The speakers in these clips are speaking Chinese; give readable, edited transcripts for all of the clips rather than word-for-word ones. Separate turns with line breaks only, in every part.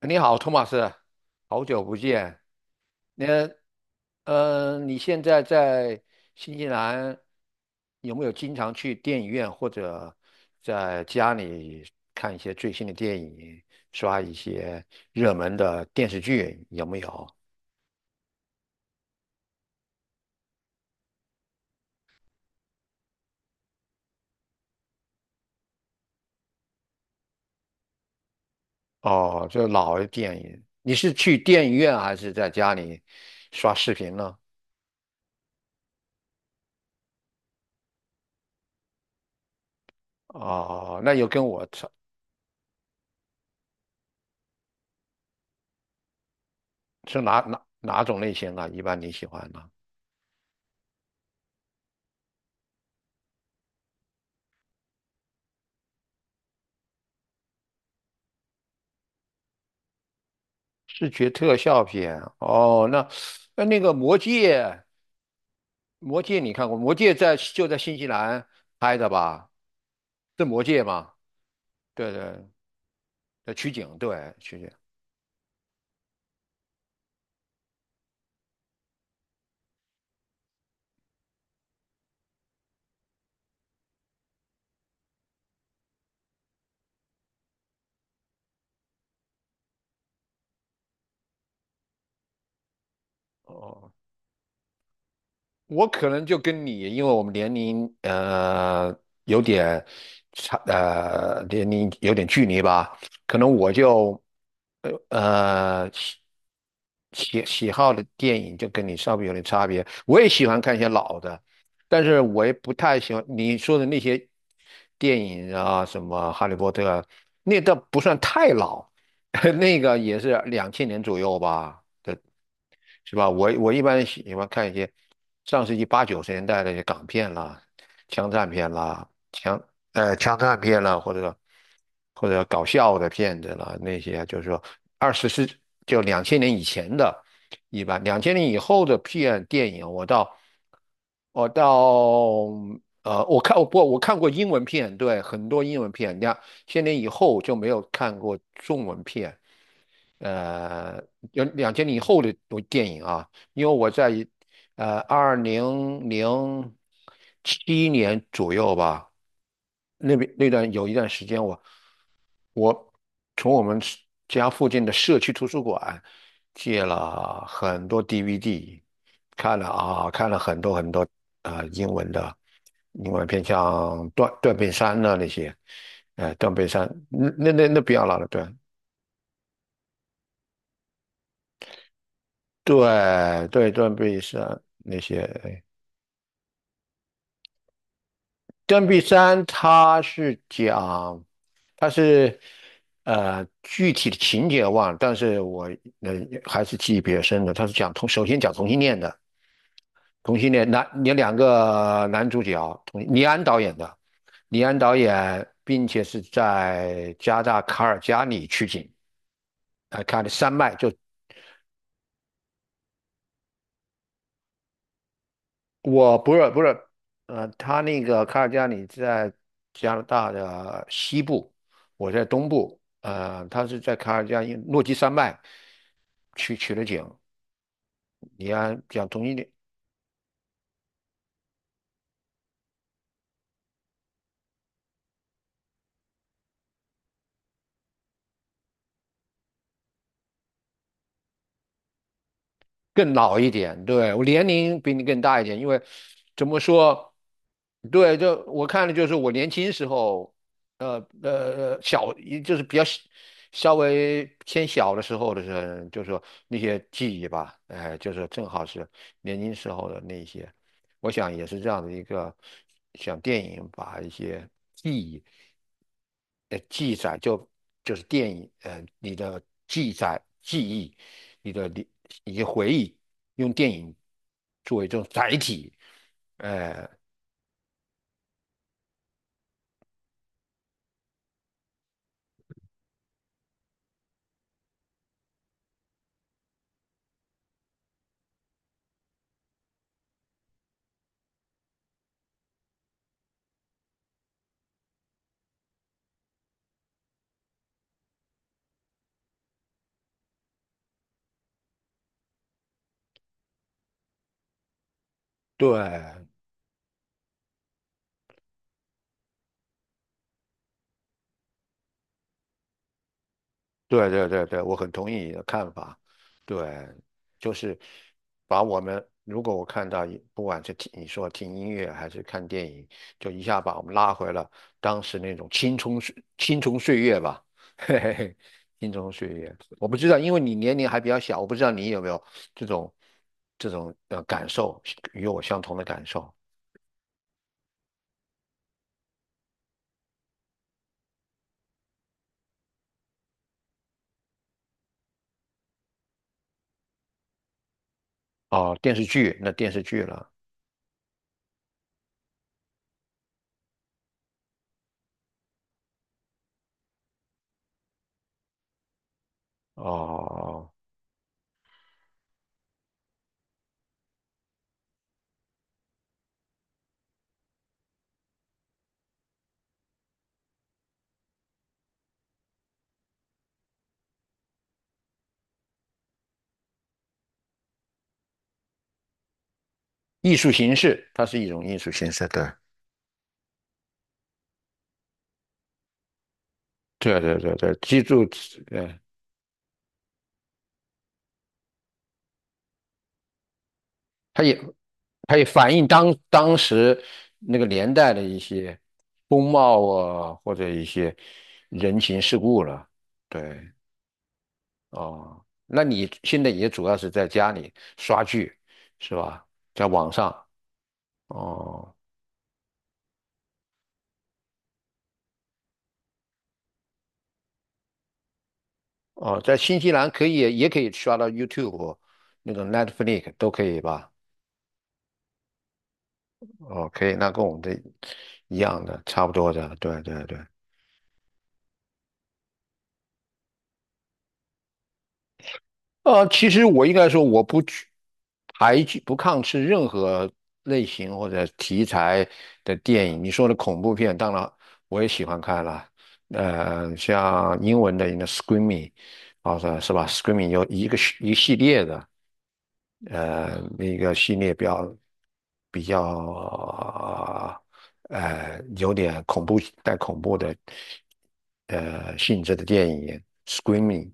你好，托马斯，好久不见。那你现在在新西兰有没有经常去电影院或者在家里看一些最新的电影，刷一些热门的电视剧？有没有？哦，就老的电影，你是去电影院还是在家里刷视频呢？哦，那有跟我差是哪种类型啊？一般你喜欢呢？视觉特效片啊哦，那个《魔戒》，《魔戒》你看过？《魔戒》在就在新西兰拍的吧？是《魔戒》吗？对对，在取景，对取景。哦，我可能就跟你，因为我们年龄有点差，年龄有点距离吧，可能我就呃呃喜喜好的电影就跟你稍微有点差别。我也喜欢看一些老的，但是我也不太喜欢你说的那些电影啊，什么《哈利波特》，啊，那倒不算太老，那个也是2000年左右吧的，是吧？我一般喜欢看一些上世纪八九十年代的一些港片啦、枪战片啦、枪战片啦，或者搞笑的片子啦，那些就是说二十世就两千年以前的，一般两千年以后的电影，我到我到呃我看我不我看过英文片，对，很多英文片，你看。千年以后就没有看过中文片，呃，有两千年以后的电影啊，因为我在2007年左右吧，那边那段有一段时间我从我们是家附近的社区图书馆借了很多 DVD，看了很多很多啊、英文片，像断背山呐那些，《断背山那不要了，对对对，断背山那些，断臂山它是讲，它是具体的情节忘了，但是我呃还是记忆比较深的。它是讲同，首先讲同性恋的，同性恋男有2个男主角，同李安导演的，李安导演，并且是在加拿大卡尔加里取景，看的山脉就我不是，他那个卡尔加里在加拿大的西部，我在东部，他是在卡尔加里诺基山脉去取的景。你要讲中点。更老一点，对，我年龄比你更大一点，因为怎么说，对，就我看的就是我年轻时候，呃呃呃小，就是比较小稍微偏小的时候就是说那些记忆吧，哎、就是正好是年轻时候的那些。我想也是这样的一个，像电影把一些记忆，记载就是电影，你的记载、记忆、你一些回忆，用电影作为一种载体，哎、对。对对对对，我很同意你的看法。对，就是把我们，如果我看到不管是听你说听音乐还是看电影，就一下把我们拉回了当时那种青葱岁月吧，嘿嘿嘿，青葱岁月。我不知道，因为你年龄还比较小，我不知道你有没有这种这种感受，与我相同的感受。哦，电视剧了，哦，艺术形式，它是一种艺术形式，对。对对对对，记住，对，它也它也反映当时那个年代的一些风貌啊，或者一些人情世故了。对，哦，那你现在也主要是在家里刷剧是吧？在网上，哦哦，在新西兰也可以刷到 YouTube 那种 Netflix 都可以吧？哦，可以，那跟我们的一样的，差不多的，对对对。其实我应该说，我不去排拒、不抗斥任何类型或者题材的电影。你说的恐怖片，当然我也喜欢看了。像英文的那 Screaming，好像是吧？Screaming 有一个系列的，那个系列比较有点恐怖带恐怖的性质的电影，Screaming。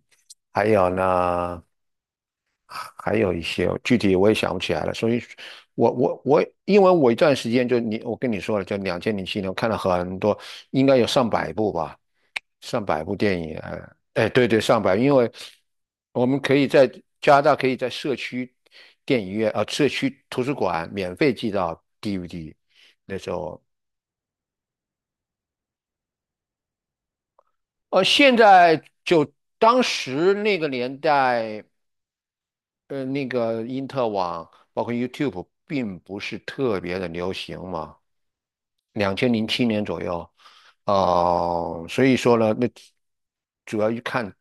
还有呢，还有一些具体我也想不起来了，所以我因为我一段时间就你，我跟你说了，就两千零七年我看了很多，应该有上百部吧，上百部电影，哎，对对，上百，因为我们可以在加拿大可以在社区电影院，啊，社区图书馆免费寄到 DVD，那时候，现在就当时那个年代。那个因特网包括 YouTube 并不是特别的流行嘛。两千零七年左右，哦、所以说呢，那主要去看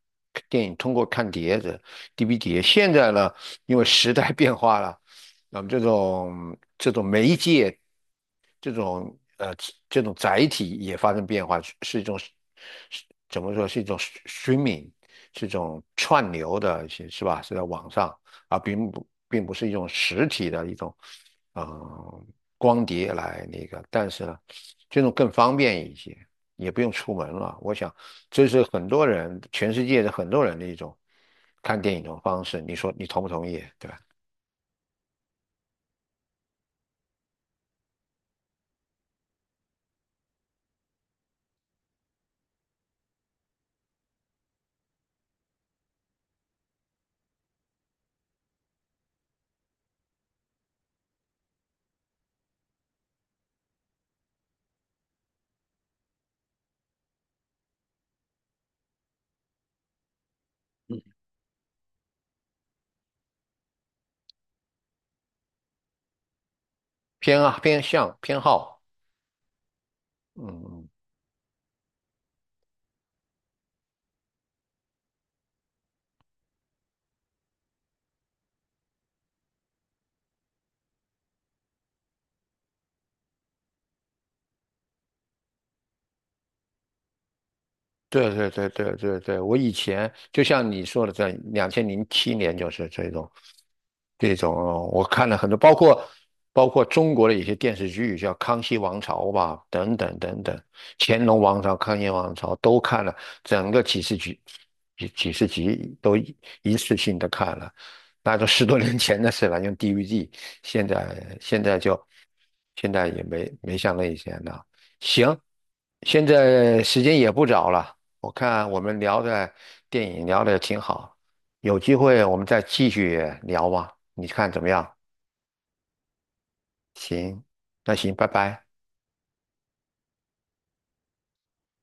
电影，通过看碟子、DVD 现在呢，因为时代变化了，那么这种媒介，这种呃这种载体也发生变化，是是一种是怎么说是一种 streaming，是一种串流的，一些是吧？是在网上啊，并不是一种实体的一种。嗯，光碟来那个，但是呢，这种更方便一些，也不用出门了。我想，这是很多人，全世界的很多人的一种看电影的方式。你说你同不同意？对吧？偏啊，偏向偏好，嗯。对对对对对对，我以前就像你说的这样，两千零七年就是这种，这种我看了很多，包括中国的一些电视剧，叫《康熙王朝》吧，等等等等，《乾隆王朝》《康熙王朝》都看了，整个几十集，几十集都一次性的看了，那都十多年前的事了，用 DVD，现在现在就现在也没像那以前了。行，现在时间也不早了。我看我们聊的电影聊的挺好，有机会我们再继续聊吧，你看怎么样？行，那行，拜拜。